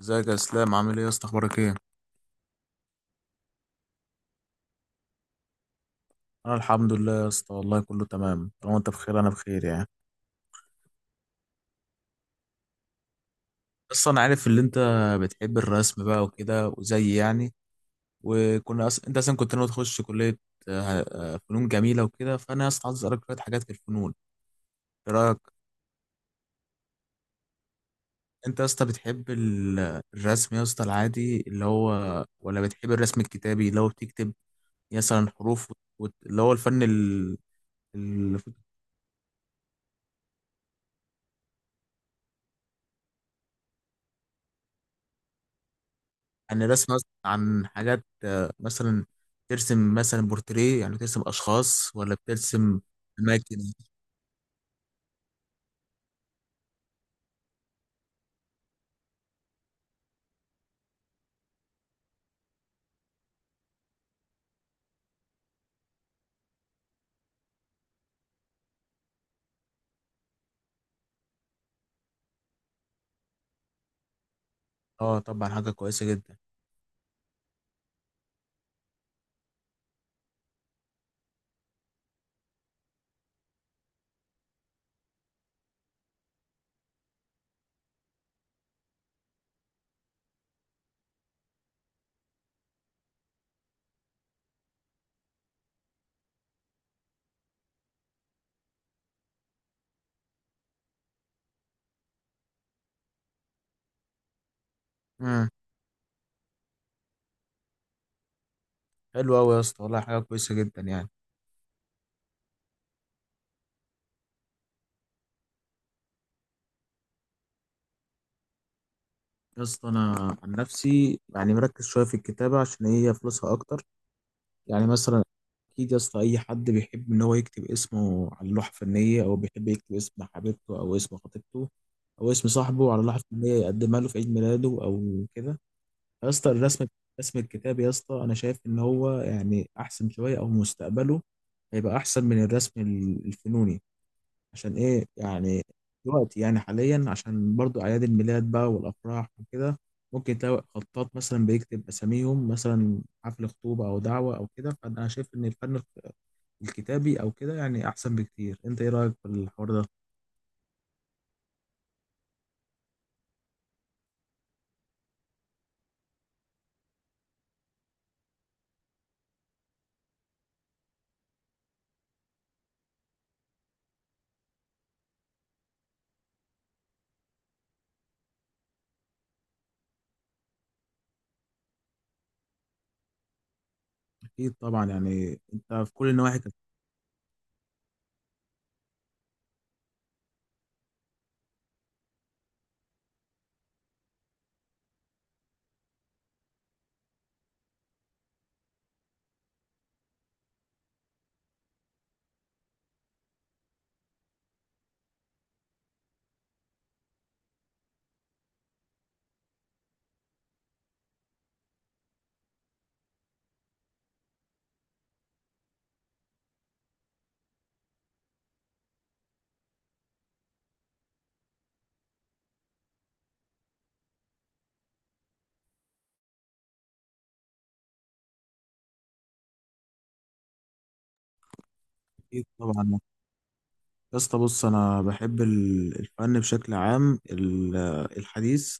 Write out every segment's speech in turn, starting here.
ازيك يا اسلام، عامل ايه يا اسطى؟ اخبارك ايه؟ انا الحمد لله يا اسطى والله كله تمام. طالما انت بخير انا بخير يعني. بس انا عارف ان انت بتحب الرسم بقى وكده وزي يعني. انت اصلا كنت ناوي تخش كليه آه، فنون جميله وكده. فانا يا اسطى عايز اسالك شويه حاجات في الفنون. ايه رايك؟ انت يا اسطى بتحب الرسم يا اسطى العادي اللي هو، ولا بتحب الرسم الكتابي اللي هو بتكتب مثلا حروف اللي هو الفن؟ ال... يعني الرسم مثلا عن حاجات مثلا ترسم مثلا بورتريه، يعني ترسم اشخاص ولا بترسم اماكن؟ اه طبعا حاجه كويسه جدا. امم حلو قوي يا اسطى والله، حاجه كويسه جدا يعني. يا اسطى انا عن نفسي يعني مركز شويه في الكتابه عشان هي فلوسها اكتر. يعني مثلا اكيد يا اسطى اي حد بيحب ان هو يكتب اسمه على لوحه فنيه، او بيحب يكتب اسم حبيبته او اسم خطيبته او اسم صاحبه على لوحه فنيه يقدمها له في عيد ميلاده او كده. يا اسطى الرسم، رسم الكتاب يا اسطى انا شايف ان هو يعني احسن شويه، او مستقبله هيبقى احسن من الرسم الفنوني. عشان ايه يعني؟ دلوقتي يعني حاليا عشان برضو اعياد الميلاد بقى والافراح وكده ممكن تلاقي خطاط مثلا بيكتب اساميهم، مثلا حفل خطوبه او دعوه او كده. فانا شايف ان الفن الكتابي او كده يعني احسن بكتير. انت ايه رايك في الحوار ده؟ اكيد طبعا يعني انت في كل النواحي كانت. اكيد طبعا يا اسطى، بص انا بحب الفن بشكل عام الحديث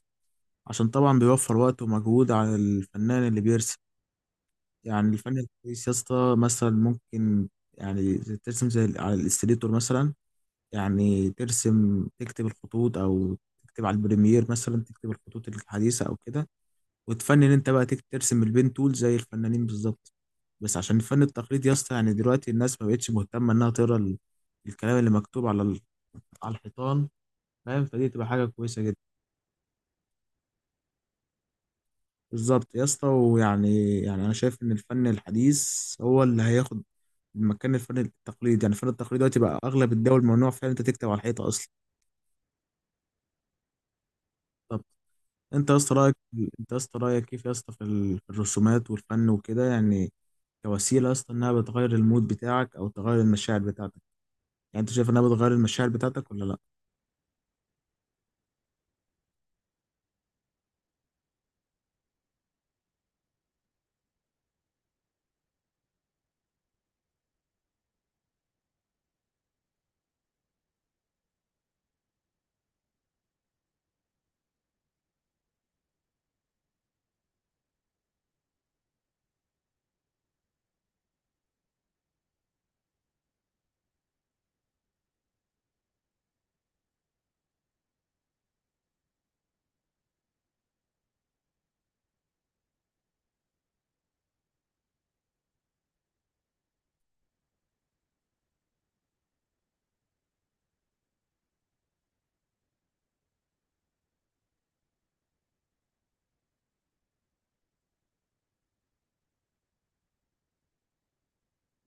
عشان طبعا بيوفر وقت ومجهود على الفنان اللي بيرسم. يعني الفن الحديث يا اسطى مثلا ممكن، يعني ترسم زي على الاستريتور مثلا، يعني ترسم تكتب الخطوط، او تكتب على البريمير مثلا تكتب الخطوط الحديثة او كده، وتفنن انت بقى تكتب ترسم البين تول زي الفنانين بالظبط. بس عشان الفن التقليدي يا اسطى يعني دلوقتي الناس ما بقتش مهتمة انها تقرا الكلام اللي مكتوب على على الحيطان، فاهم؟ فدي تبقى حاجة كويسة جدا. بالظبط يا اسطى، ويعني يعني أنا شايف إن الفن الحديث هو اللي هياخد مكان الفن التقليدي. يعني الفن التقليدي دلوقتي بقى أغلب الدول ممنوع فعلا أنت تكتب على الحيطة أصلا. طب أنت يا اسطى رأيك، أنت يا اسطى رأيك كيف يا اسطى في في الرسومات والفن وكده، يعني كوسيلة يا اسطى إنها بتغير المود بتاعك أو تغير المشاعر بتاعتك. يعني أنت شايف إنها بتغير المشاعر بتاعتك ولا لأ؟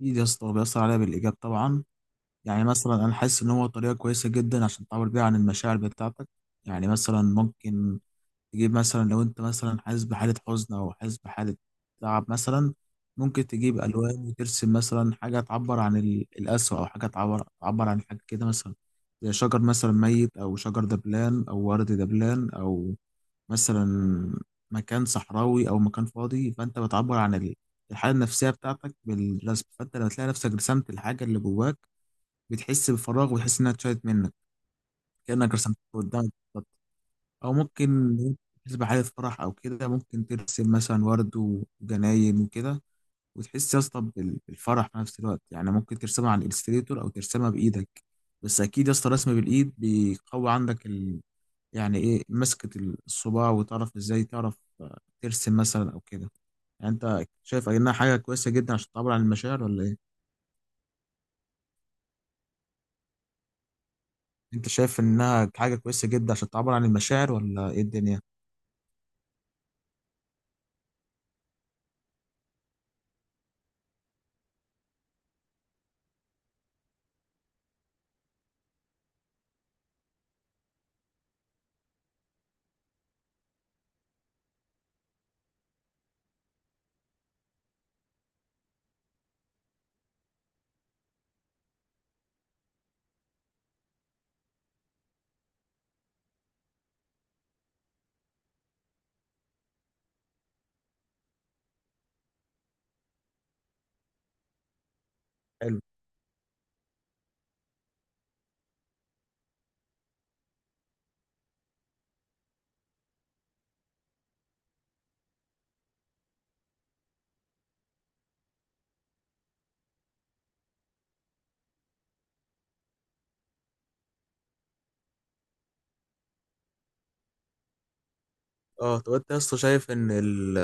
أكيد يا اسطى هو بيأثر عليها بالإيجاب طبعا. يعني مثلا أنا حاسس إن هو طريقة كويسة جدا عشان تعبر بيها عن المشاعر بتاعتك. يعني مثلا ممكن تجيب مثلا، لو انت مثلا حاسس بحالة حزن او حاسس بحالة تعب مثلا، ممكن تجيب الوان وترسم مثلا حاجة تعبر عن القسوة، او حاجة تعبر عن حاجة كده مثلا. زي شجر مثلا ميت، او شجر دبلان او ورد دبلان، او مثلا مكان صحراوي او مكان فاضي، فانت بتعبر عن الحالة النفسية بتاعتك بالرسم. فانت لما تلاقي نفسك رسمت الحاجة اللي جواك بتحس بفراغ وتحس انها اتشالت منك كأنك رسمتها قدامك. او ممكن بالنسبه لحدث فرح او كده ممكن ترسم مثلا ورد وجناين وكده، وتحس يا اسطى بالفرح في نفس الوقت. يعني ممكن ترسمها على الالستريتور او ترسمها بايدك. بس اكيد يا اسطى رسم بالايد بيقوي عندك يعني ايه، مسكة الصباع، وتعرف ازاي تعرف ترسم مثلا او كده. يعني انت شايف انها حاجه كويسه جدا عشان تعبر عن المشاعر ولا ايه؟ انت شايف انها حاجه كويسه جدا عشان تعبر عن المشاعر ولا ايه الدنيا؟ حلو. اه طب انت يا اسطى شايف ان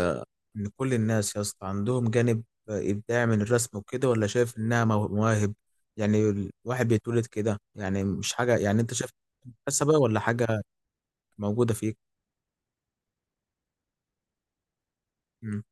ان كل الناس يا اسطى عندهم جانب ابداع من الرسم وكده، ولا شايف انها مواهب يعني الواحد بيتولد كده؟ يعني مش حاجه، يعني انت شايف مكتسبه ولا حاجه موجوده فيك؟ مم.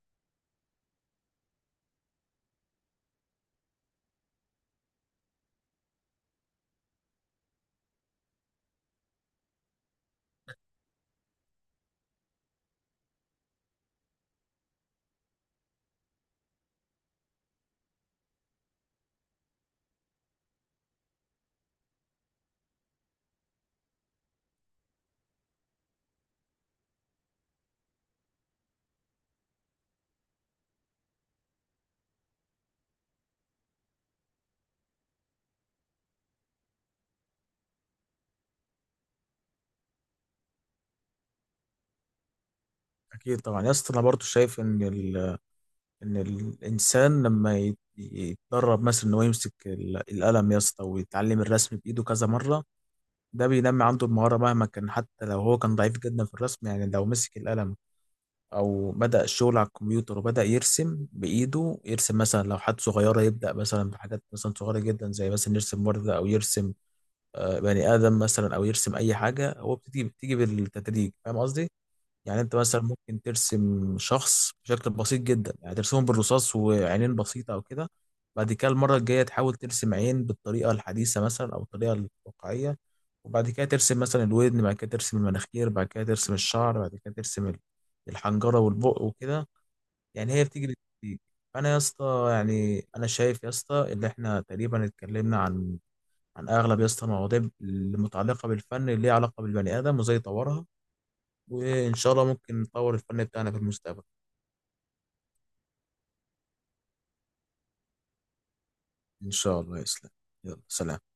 اكيد طبعا يا اسطى انا برضو شايف ان ان الانسان لما يتدرب مثلا ان هو يمسك القلم يا اسطى ويتعلم الرسم بايده كذا مره، ده بينمي عنده المهاره مهما كان. حتى لو هو كان ضعيف جدا في الرسم، يعني لو مسك القلم او بدأ الشغل على الكمبيوتر وبدأ يرسم بإيده، يرسم مثلا لو حد صغيرة يبدأ مثلا بحاجات مثلا صغيرة جدا، زي مثلا يرسم وردة او يرسم بني آدم مثلا او يرسم اي حاجة. هو بتيجي بتيجي بالتدريج، فاهم قصدي؟ يعني انت مثلا ممكن ترسم شخص بشكل بسيط جدا، يعني ترسمه بالرصاص وعينين بسيطة او كده. بعد كده المرة الجاية تحاول ترسم عين بالطريقة الحديثة مثلا او الطريقة الواقعية، وبعد كده ترسم مثلا الودن، بعد كده ترسم المناخير، بعد كده ترسم الشعر، بعد كده ترسم الحنجرة والبق وكده. يعني هي بتيجي بالتدريج. انا يا اسطى يعني انا شايف يا اسطى ان احنا تقريبا اتكلمنا عن اغلب يا اسطى المواضيع المتعلقة بالفن اللي ليها علاقة بالبني ادم وازاي يطورها، وإن شاء الله ممكن نطور الفن بتاعنا في المستقبل. إن شاء الله يسلم. يلا سلام.